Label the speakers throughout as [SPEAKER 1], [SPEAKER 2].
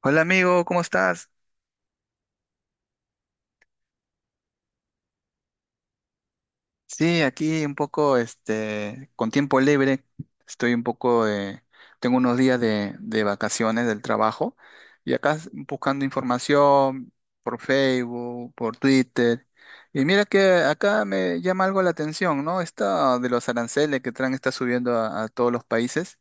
[SPEAKER 1] Hola amigo, ¿cómo estás? Sí, aquí un poco, con tiempo libre, estoy un poco, tengo unos días de vacaciones del trabajo y acá buscando información por Facebook, por Twitter. Y mira que acá me llama algo la atención, ¿no? Esta de los aranceles que Trump está subiendo a todos los países,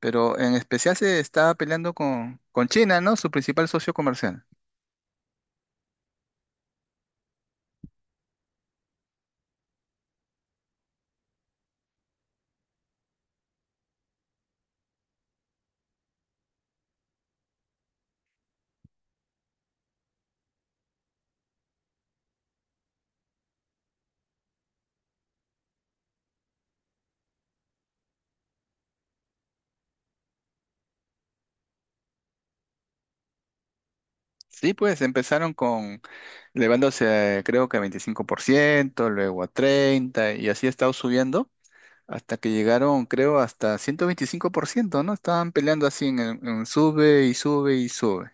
[SPEAKER 1] pero en especial se está peleando con China, ¿no? Su principal socio comercial. Sí, pues empezaron con elevándose a, creo que a 25%, luego a 30% y así ha estado subiendo hasta que llegaron, creo, hasta 125%, ¿no? Estaban peleando así en, en sube y sube y sube.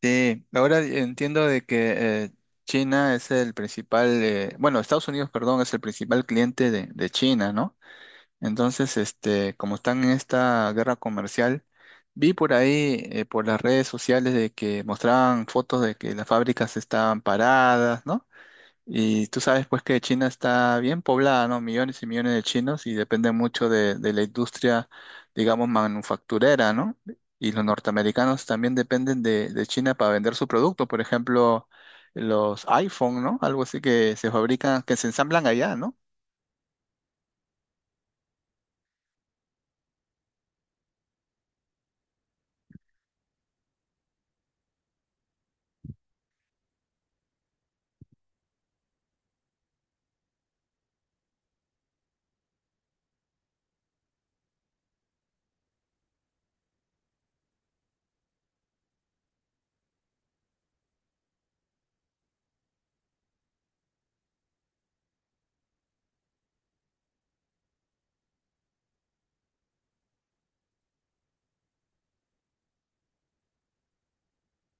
[SPEAKER 1] Sí, ahora entiendo de que China es el principal, bueno, Estados Unidos, perdón, es el principal cliente de China, ¿no? Entonces, como están en esta guerra comercial, vi por ahí, por las redes sociales de que mostraban fotos de que las fábricas estaban paradas, ¿no? Y tú sabes pues que China está bien poblada, ¿no? Millones y millones de chinos y depende mucho de la industria, digamos, manufacturera, ¿no? Y los norteamericanos también dependen de China para vender su producto, por ejemplo, los iPhone, ¿no? Algo así que se fabrican, que se ensamblan allá, ¿no?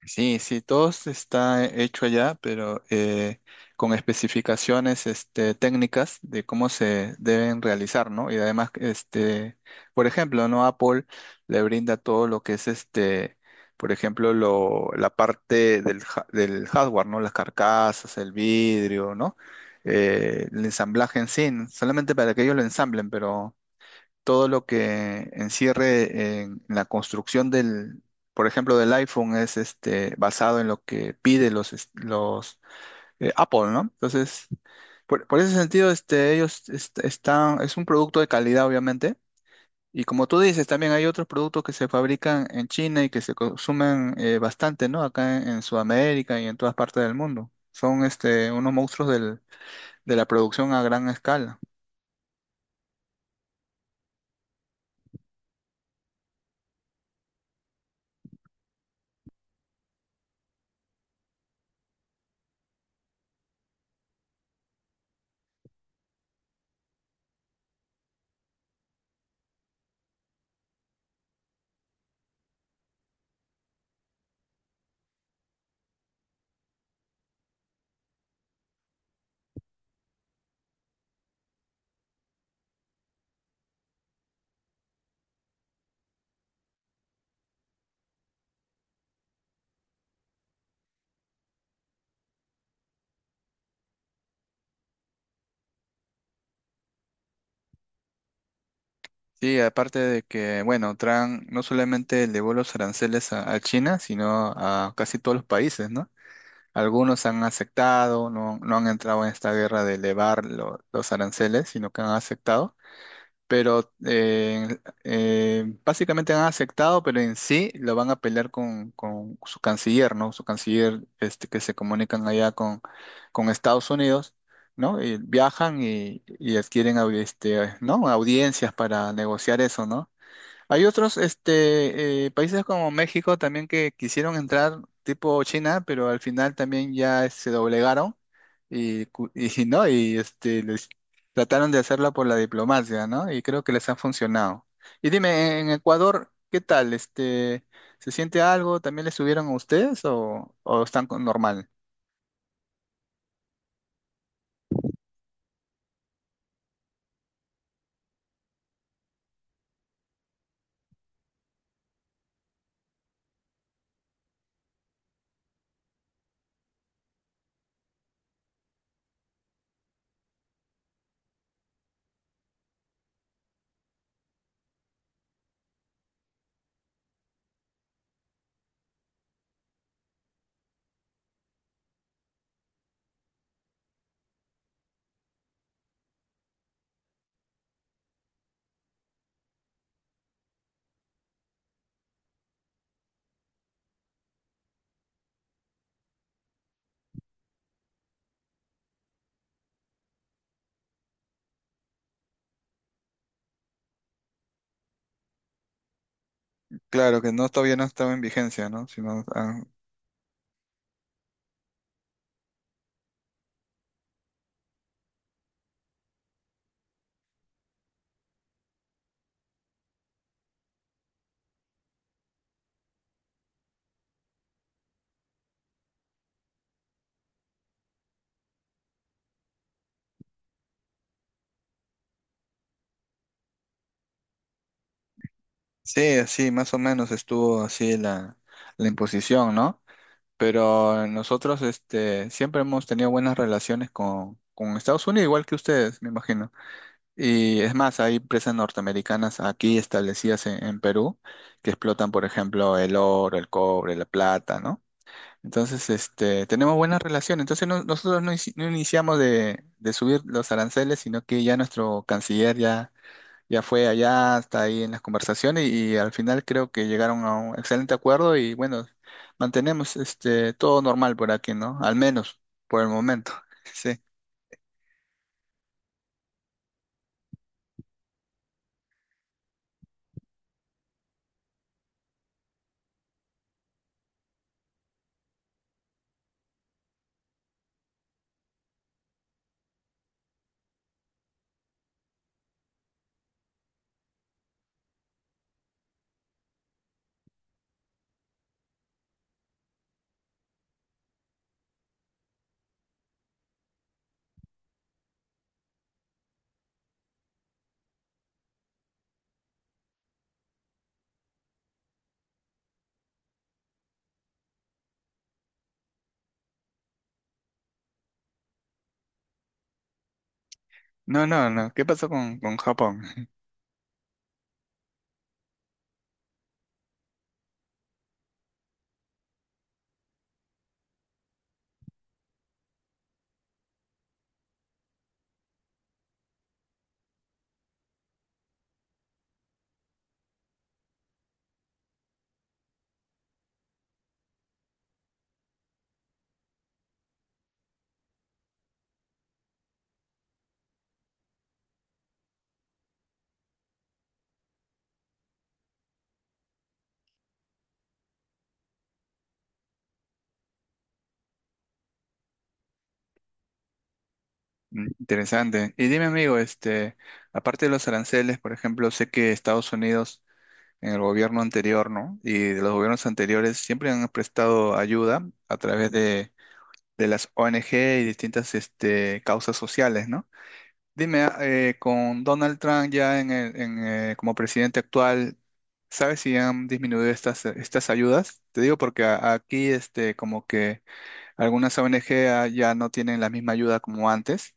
[SPEAKER 1] Sí, sí, todo está hecho allá, pero con especificaciones técnicas de cómo se deben realizar, ¿no? Y además, por ejemplo, ¿no? Apple le brinda todo lo que es este, por ejemplo, lo, la parte del hardware, ¿no? Las carcasas, el vidrio, ¿no? El ensamblaje en sí, solamente para que ellos lo ensamblen, pero todo lo que encierre en la construcción del, por ejemplo, del iPhone es este, basado en lo que pide los Apple, ¿no? Entonces, por ese sentido, este, ellos están, es un producto de calidad, obviamente. Y como tú dices, también hay otros productos que se fabrican en China y que se consumen bastante, ¿no? Acá en Sudamérica y en todas partes del mundo. Son este, unos monstruos de la producción a gran escala. Sí, aparte de que, bueno, Trump no solamente elevó los aranceles a China, sino a casi todos los países, ¿no? Algunos han aceptado, no, no han entrado en esta guerra de elevar los aranceles, sino que han aceptado, pero básicamente han aceptado, pero en sí lo van a pelear con su canciller, ¿no? Su canciller, este, que se comunican allá con Estados Unidos. ¿No? Y viajan y adquieren este, ¿no? audiencias para negociar eso, ¿no? Hay otros este, países como México también que quisieron entrar tipo China, pero al final también ya se doblegaron y, y no, y este, les trataron de hacerla por la diplomacia, ¿no? Y creo que les ha funcionado. Y dime, en Ecuador, ¿qué tal? Este, ¿se siente algo? ¿También les subieron a ustedes o están con normal? Claro que no, todavía no estaba en vigencia, ¿no? Sino, ah, sí, sí, más o menos estuvo así la, la imposición, ¿no? Pero nosotros este, siempre hemos tenido buenas relaciones con Estados Unidos, igual que ustedes, me imagino. Y es más, hay empresas norteamericanas aquí establecidas en Perú que explotan, por ejemplo, el oro, el cobre, la plata, ¿no? Entonces, este, tenemos buenas relaciones. Entonces, nosotros no, no iniciamos de subir los aranceles, sino que ya nuestro canciller ya fue allá, hasta ahí en las conversaciones y al final creo que llegaron a un excelente acuerdo y bueno, mantenemos este todo normal por aquí, ¿no? Al menos por el momento. Sí. No, no, no. ¿Qué pasó con Japón? Mm, interesante. Y dime, amigo, aparte de los aranceles, por ejemplo, sé que Estados Unidos en el gobierno anterior, ¿no? Y de los gobiernos anteriores siempre han prestado ayuda a través de las ONG y distintas, este, causas sociales, ¿no? Dime, ah, con Donald Trump ya en en, como presidente actual, ¿sabes si han disminuido estas, estas ayudas? Te digo porque aquí este, como que algunas ONG ya no tienen la misma ayuda como antes,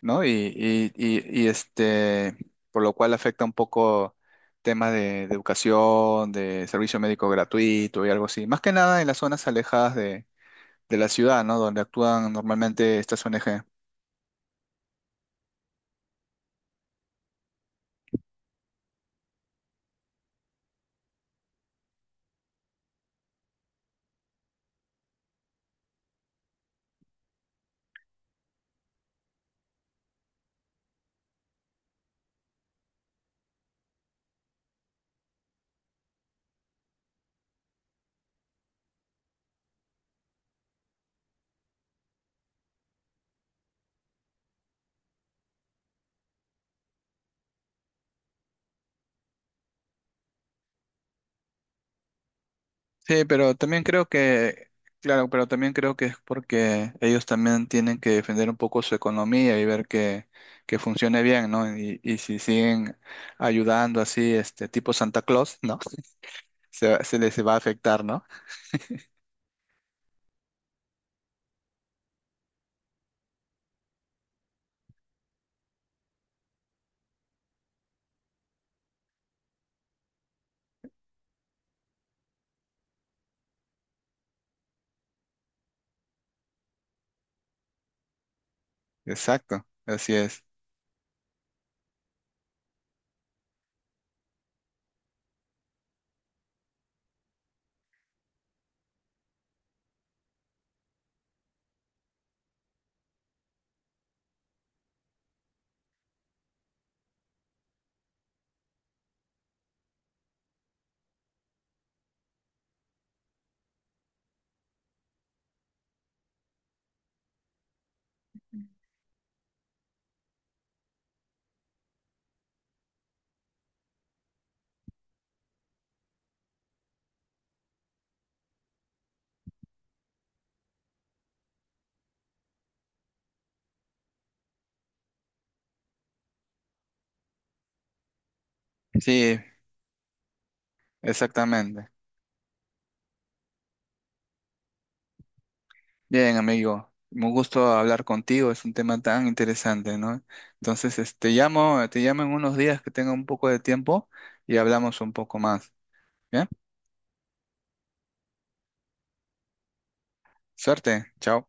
[SPEAKER 1] ¿no? Y, este, por lo cual afecta un poco temas de educación, de servicio médico gratuito y algo así. Más que nada en las zonas alejadas de la ciudad, ¿no? Donde actúan normalmente estas ONG. Sí, pero también creo que, claro, pero también creo que es porque ellos también tienen que defender un poco su economía y ver que funcione bien, ¿no? Y si siguen ayudando así, este tipo Santa Claus, ¿no? Se les va a afectar, ¿no? Exacto, así es. Sí, exactamente. Bien, amigo, un gusto hablar contigo, es un tema tan interesante, ¿no? Entonces, este, te llamo en unos días que tenga un poco de tiempo y hablamos un poco más. Bien, suerte, chao.